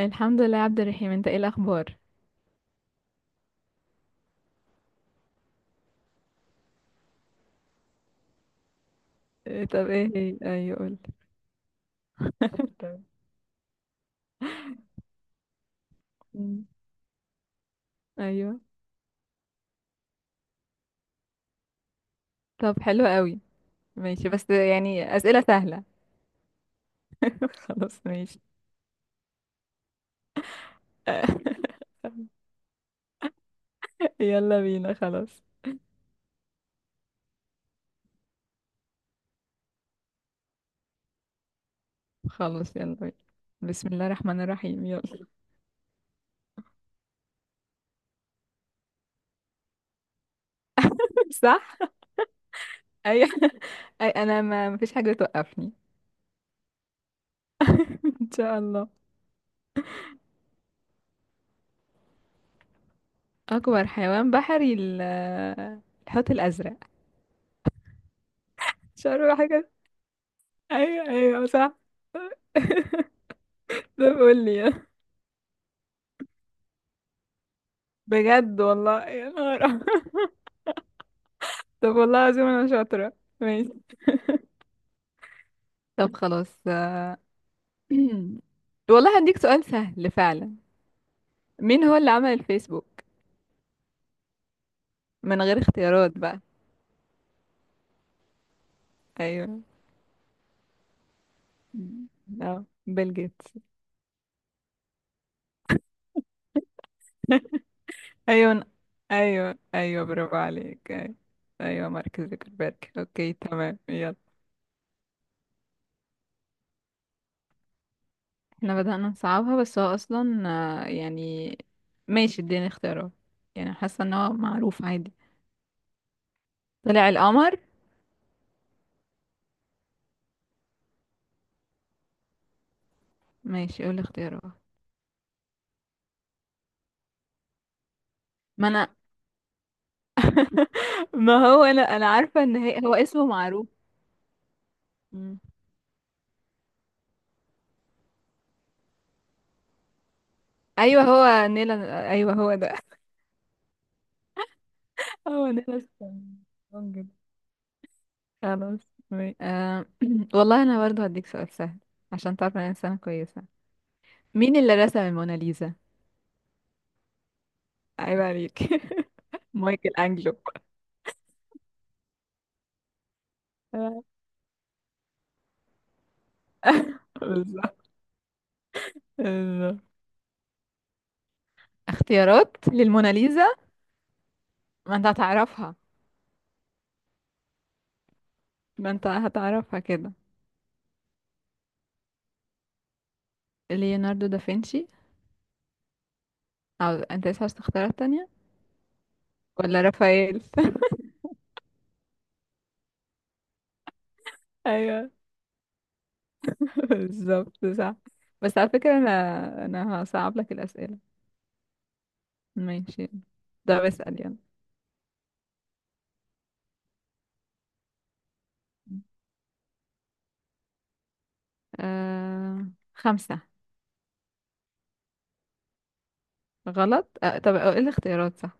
الحمد لله يا عبد الرحيم، انت ايه الاخبار؟ اه، طب ايه هي، ايوه قول. تمام. مم. ايوه، طب حلو قوي. ماشي، بس يعني اسئله سهله. خلاص ماشي. يلا بينا خلاص. خلاص يلا بينا. بسم الله الرحمن الرحيم يلا. صح. ايوه. اي، انا ما مفيش حاجه توقفني. ان شاء الله. اكبر حيوان بحري الحوت الازرق. مش عارفه حاجه. ايوه، ايوه، صح. طب قول لي. بجد والله يا نهار أبيض. طب والله العظيم انا شاطرة. ماشي. طب خلاص. والله هديك سؤال سهل فعلا. مين هو اللي عمل الفيسبوك؟ من غير اختيارات بقى. ايوه. اه، بيل جيتس. ايوه، ايوه، ايوه، برافو عليك، ايوه. ايوه، مارك زوكربيرج، اوكي تمام، يلا. احنا بدأنا نصعبها، بس هو اصلا يعني، ماشي اديني اختيارات. يعني حاسه ان هو معروف عادي. طلع القمر. ماشي، قول اختيارات. ما انا، ما هو انا عارفه ان هي، هو اسمه معروف. مم. ايوه هو نيلان، ايوه هو ده. هو نيلان. ستراونج. خلاص. مي- آه. والله انا برضو هديك سؤال سهل، عشان تعرف ان انا انسانه كويسه. مين اللي رسم الموناليزا؟ عيب عليك. مايكل انجلو. بالظبط. بالظبط. اختيارات للموناليزا؟ ما انت هتعرفها، ما انت هتعرفها كده. ليوناردو دافنشي. او انت لسه عايز تختارات تانية؟ ولا رافائيل؟ ايوه. بالظبط صح. بس على فكرة انا هصعب لك الأسئلة. ماشي. ده بسأل، يلا. آه... خمسة. غلط. طب ايه الاختيارات، صح؟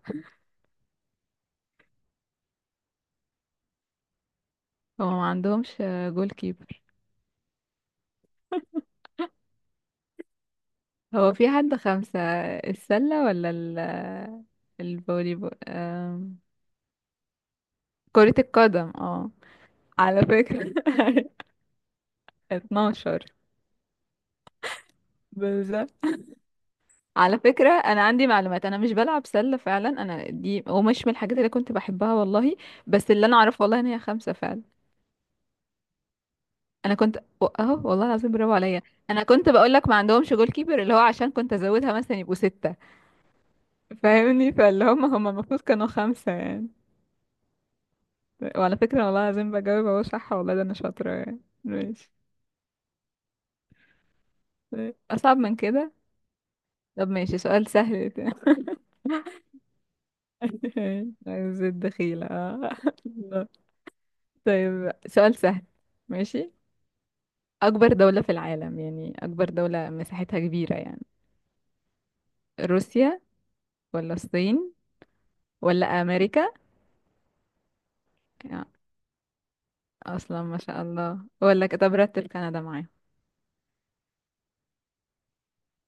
هو ما عندهمش جول كيبر. هو في حد خمسة؟ السلة ولا الفولي بول كرة القدم اه. على فكرة. 12. بالظبط. على فكرة أنا عندي معلومات، أنا مش بلعب سلة فعلا، أنا دي ومش من الحاجات اللي كنت بحبها والله. بس اللي أنا أعرفه والله إن هي خمسة فعلا. أنا كنت أهو، والله العظيم برافو عليا. أنا كنت بقول لك ما عندهمش جول كيبر اللي هو، عشان كنت أزودها مثلا يبقوا ستة. فاهمني؟ فاللي هم المفروض كانوا خمسة يعني. وعلى فكرة والله العظيم بجاوب أهو صح، والله ده أنا شاطرة يعني، ماشي. أصعب من كده. طب ماشي، سؤال سهل ده. عايز الدخيلة. طيب سؤال سهل. ماشي. أكبر دولة في العالم، يعني أكبر دولة مساحتها كبيرة يعني. روسيا ولا الصين ولا أمريكا؟ يعني أصلا ما شاء الله، ولا طب رتب كندا معايا.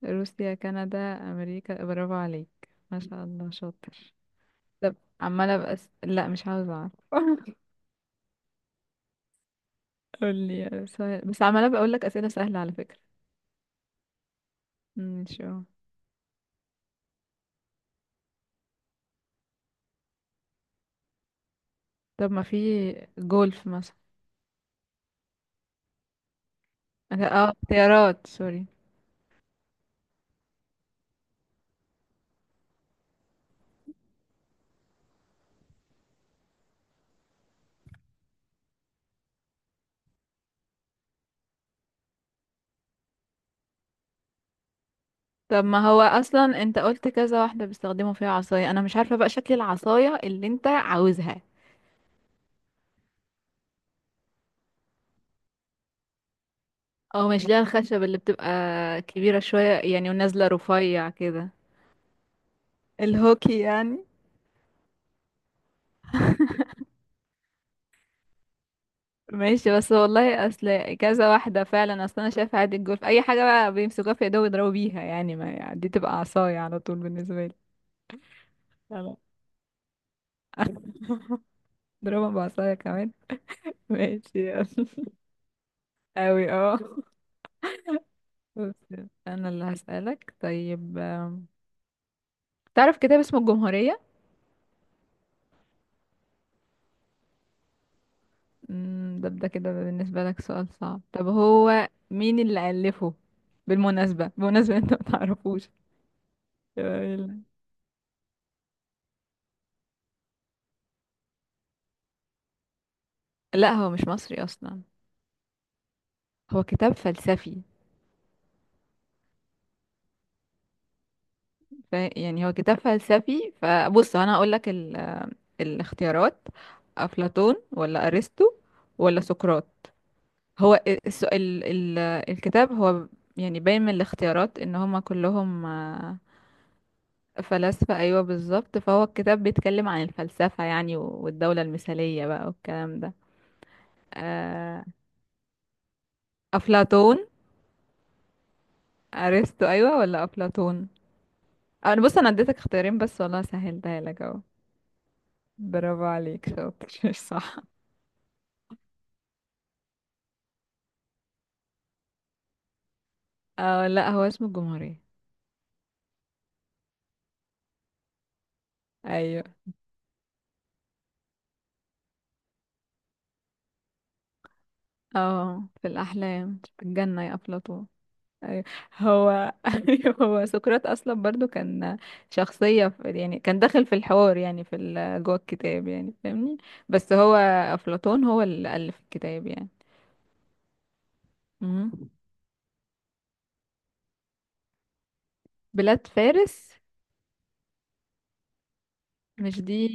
روسيا، كندا، أمريكا. برافو عليك، ما شاء الله شاطر. طب عمالة لا، مش عاوزة أعرف. قولي سؤال، بس عمالة بقولك أسئلة سهلة على فكرة. ماشي اه. طب ما في جولف مثلا. اه، اختيارات سوري. طب ما هو اصلا انت قلت كذا واحده بيستخدموا فيها عصايه، انا مش عارفه بقى شكل العصايه اللي انت عاوزها. او مش ليها الخشب اللي بتبقى كبيره شويه يعني، ونازله رفيع كده؟ الهوكي يعني. ماشي، بس والله اصل كذا واحده فعلا، اصل انا شايفه عادي الجولف اي حاجه بقى بيمسكوها في ايدهم يضربوا بيها يعني، ما يعني دي تبقى عصايه على طول بالنسبه لي. لا، لا. ضربها بعصايه كمان. ماشي يلا. اوي اه. بس انا اللي هسألك طيب. تعرف كتاب اسمه الجمهورية؟ ده كده بالنسبة لك سؤال صعب. طب هو مين اللي ألفه؟ بالمناسبة، بمناسبة انت ما تعرفوش. يلا. لا، هو مش مصري اصلا، هو كتاب فلسفي. يعني هو كتاب فلسفي، فبص انا هقول لك الاختيارات. افلاطون ولا ارسطو ولا سقراط؟ هو الس... ال... ال... الكتاب هو، يعني باين من الاختيارات ان هما كلهم فلاسفة. أيوة بالظبط، فهو الكتاب بيتكلم عن الفلسفة يعني، والدولة المثالية بقى والكلام ده. آه، أفلاطون. أرسطو، أيوة ولا أفلاطون؟ أنا بص، أنا اديتك اختيارين بس والله، سهلتها لك أهو. برافو عليك شاطر. صح. اه لا، هو اسمه الجمهورية. أيوة. اه، في الأحلام في الجنة يا أفلاطون. أيوة. هو أيوة، هو سقراط اصلا برضو كان شخصيه في، يعني كان داخل في الحوار يعني في جوه الكتاب يعني، فاهمني. بس هو افلاطون هو اللي الف الكتاب يعني. مم. بلاد فارس. مش دي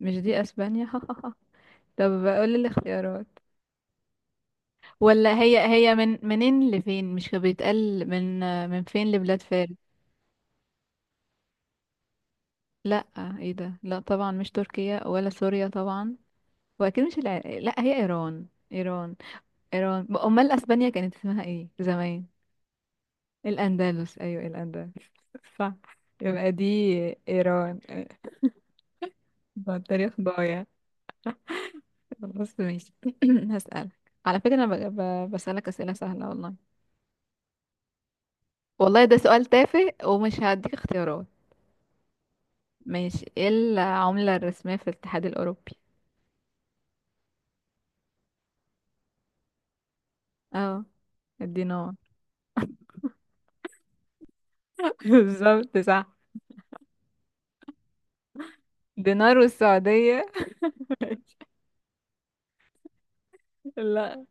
مش دي اسبانيا. طب قول لي الاختيارات. ولا هي من منين لفين، مش كان بيتقال من فين لبلاد فارس؟ لا، ايه ده، لا طبعا مش تركيا ولا سوريا طبعا، واكيد مش لا، هي ايران. ايران. امال اسبانيا كانت اسمها ايه زمان؟ الاندلس، ايوه الاندلس. صح. يبقى دي ايران. ده التاريخ ضايع. بس ماشي. هسألك. على فكرة انا بسألك اسئلة سهلة والله. والله ده سؤال تافه، ومش هديك اختيارات. ماشي. ايه العملة الرسمية في الاتحاد الاوروبي؟ اه، الدينار. بالظبط صح. دينار والسعودية. لا.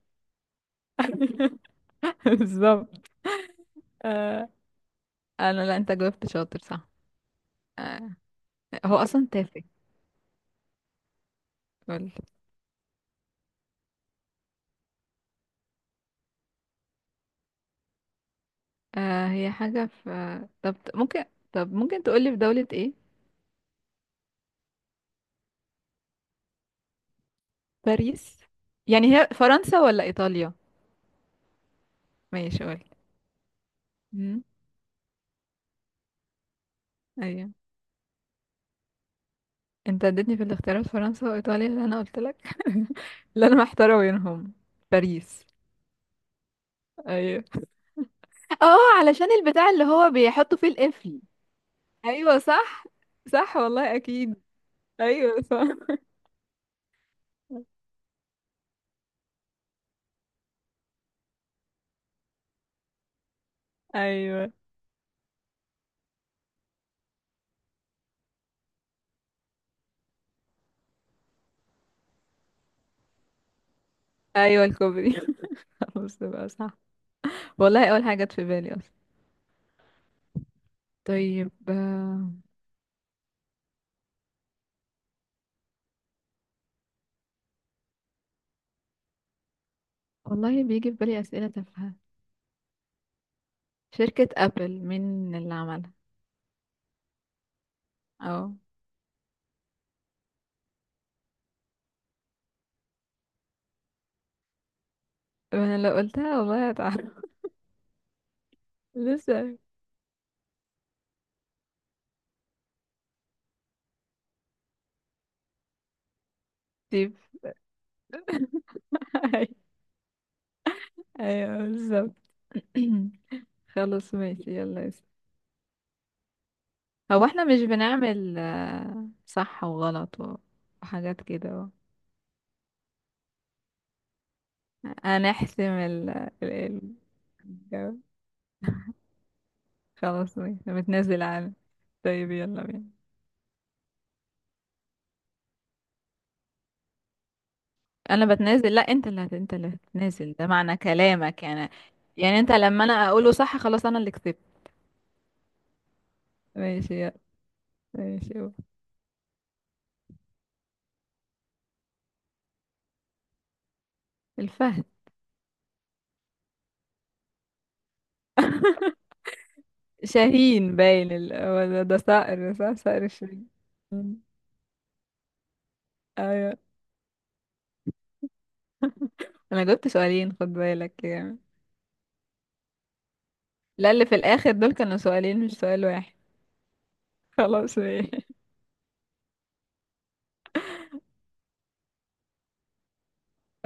بالظبط. آه. انا، لا انت جاوبت شاطر صح. آه. هو اصلا تافه. قول. هي حاجة في، طب ممكن، طب ممكن تقولي في دولة ايه؟ باريس. يعني هي فرنسا ولا ايطاليا؟ ماشي قول. امم. ايوه. انت اديتني في الاختيارات فرنسا وايطاليا اللي انا قلت لك. اللي انا محتارة بينهم. باريس. ايوه. اه، علشان البتاع اللي هو بيحطوا فيه القفل. ايوه، صح، صح، والله اكيد. ايوه صح. ايوه، ايوه الكوبري. خلاص بقى صح. والله اول حاجة جت في بالي. طيب. والله بيجي في بالي أسئلة تافهة. شركة أبل مين اللي عملها؟ اه، انا لو قلتها والله هتعرف. لسه. طيب. ايوه بالظبط. خلاص ماشي، يلا اسم. هو احنا مش بنعمل صح وغلط وحاجات كده هنحسم الجو. خلاص ماشي، متنازل عنه. طيب يلا بينا. انا بتنازل، لا انت اللي انت اللي هتتنازل، ده معنى كلامك يعني. يعني انت لما انا اقوله صح، خلاص انا اللي كسبت. ماشي يلا. ماشي يلا. الفهد. شاهين باين هو ده صقر صح، صقر الشاهين. مم. ايوه. انا جبت سؤالين، خد بالك يعني. لا، اللي في الاخر دول كانوا سؤالين مش سؤال واحد. خلاص ماشي.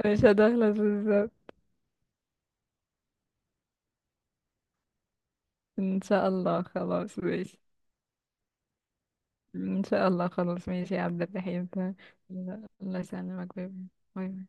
مش هتخلص بالظبط. ان شاء الله خلاص ماشي. ان شاء الله خلاص ماشي يا عبد الرحيم، تمام. الله الله يسلمك، باي. باي.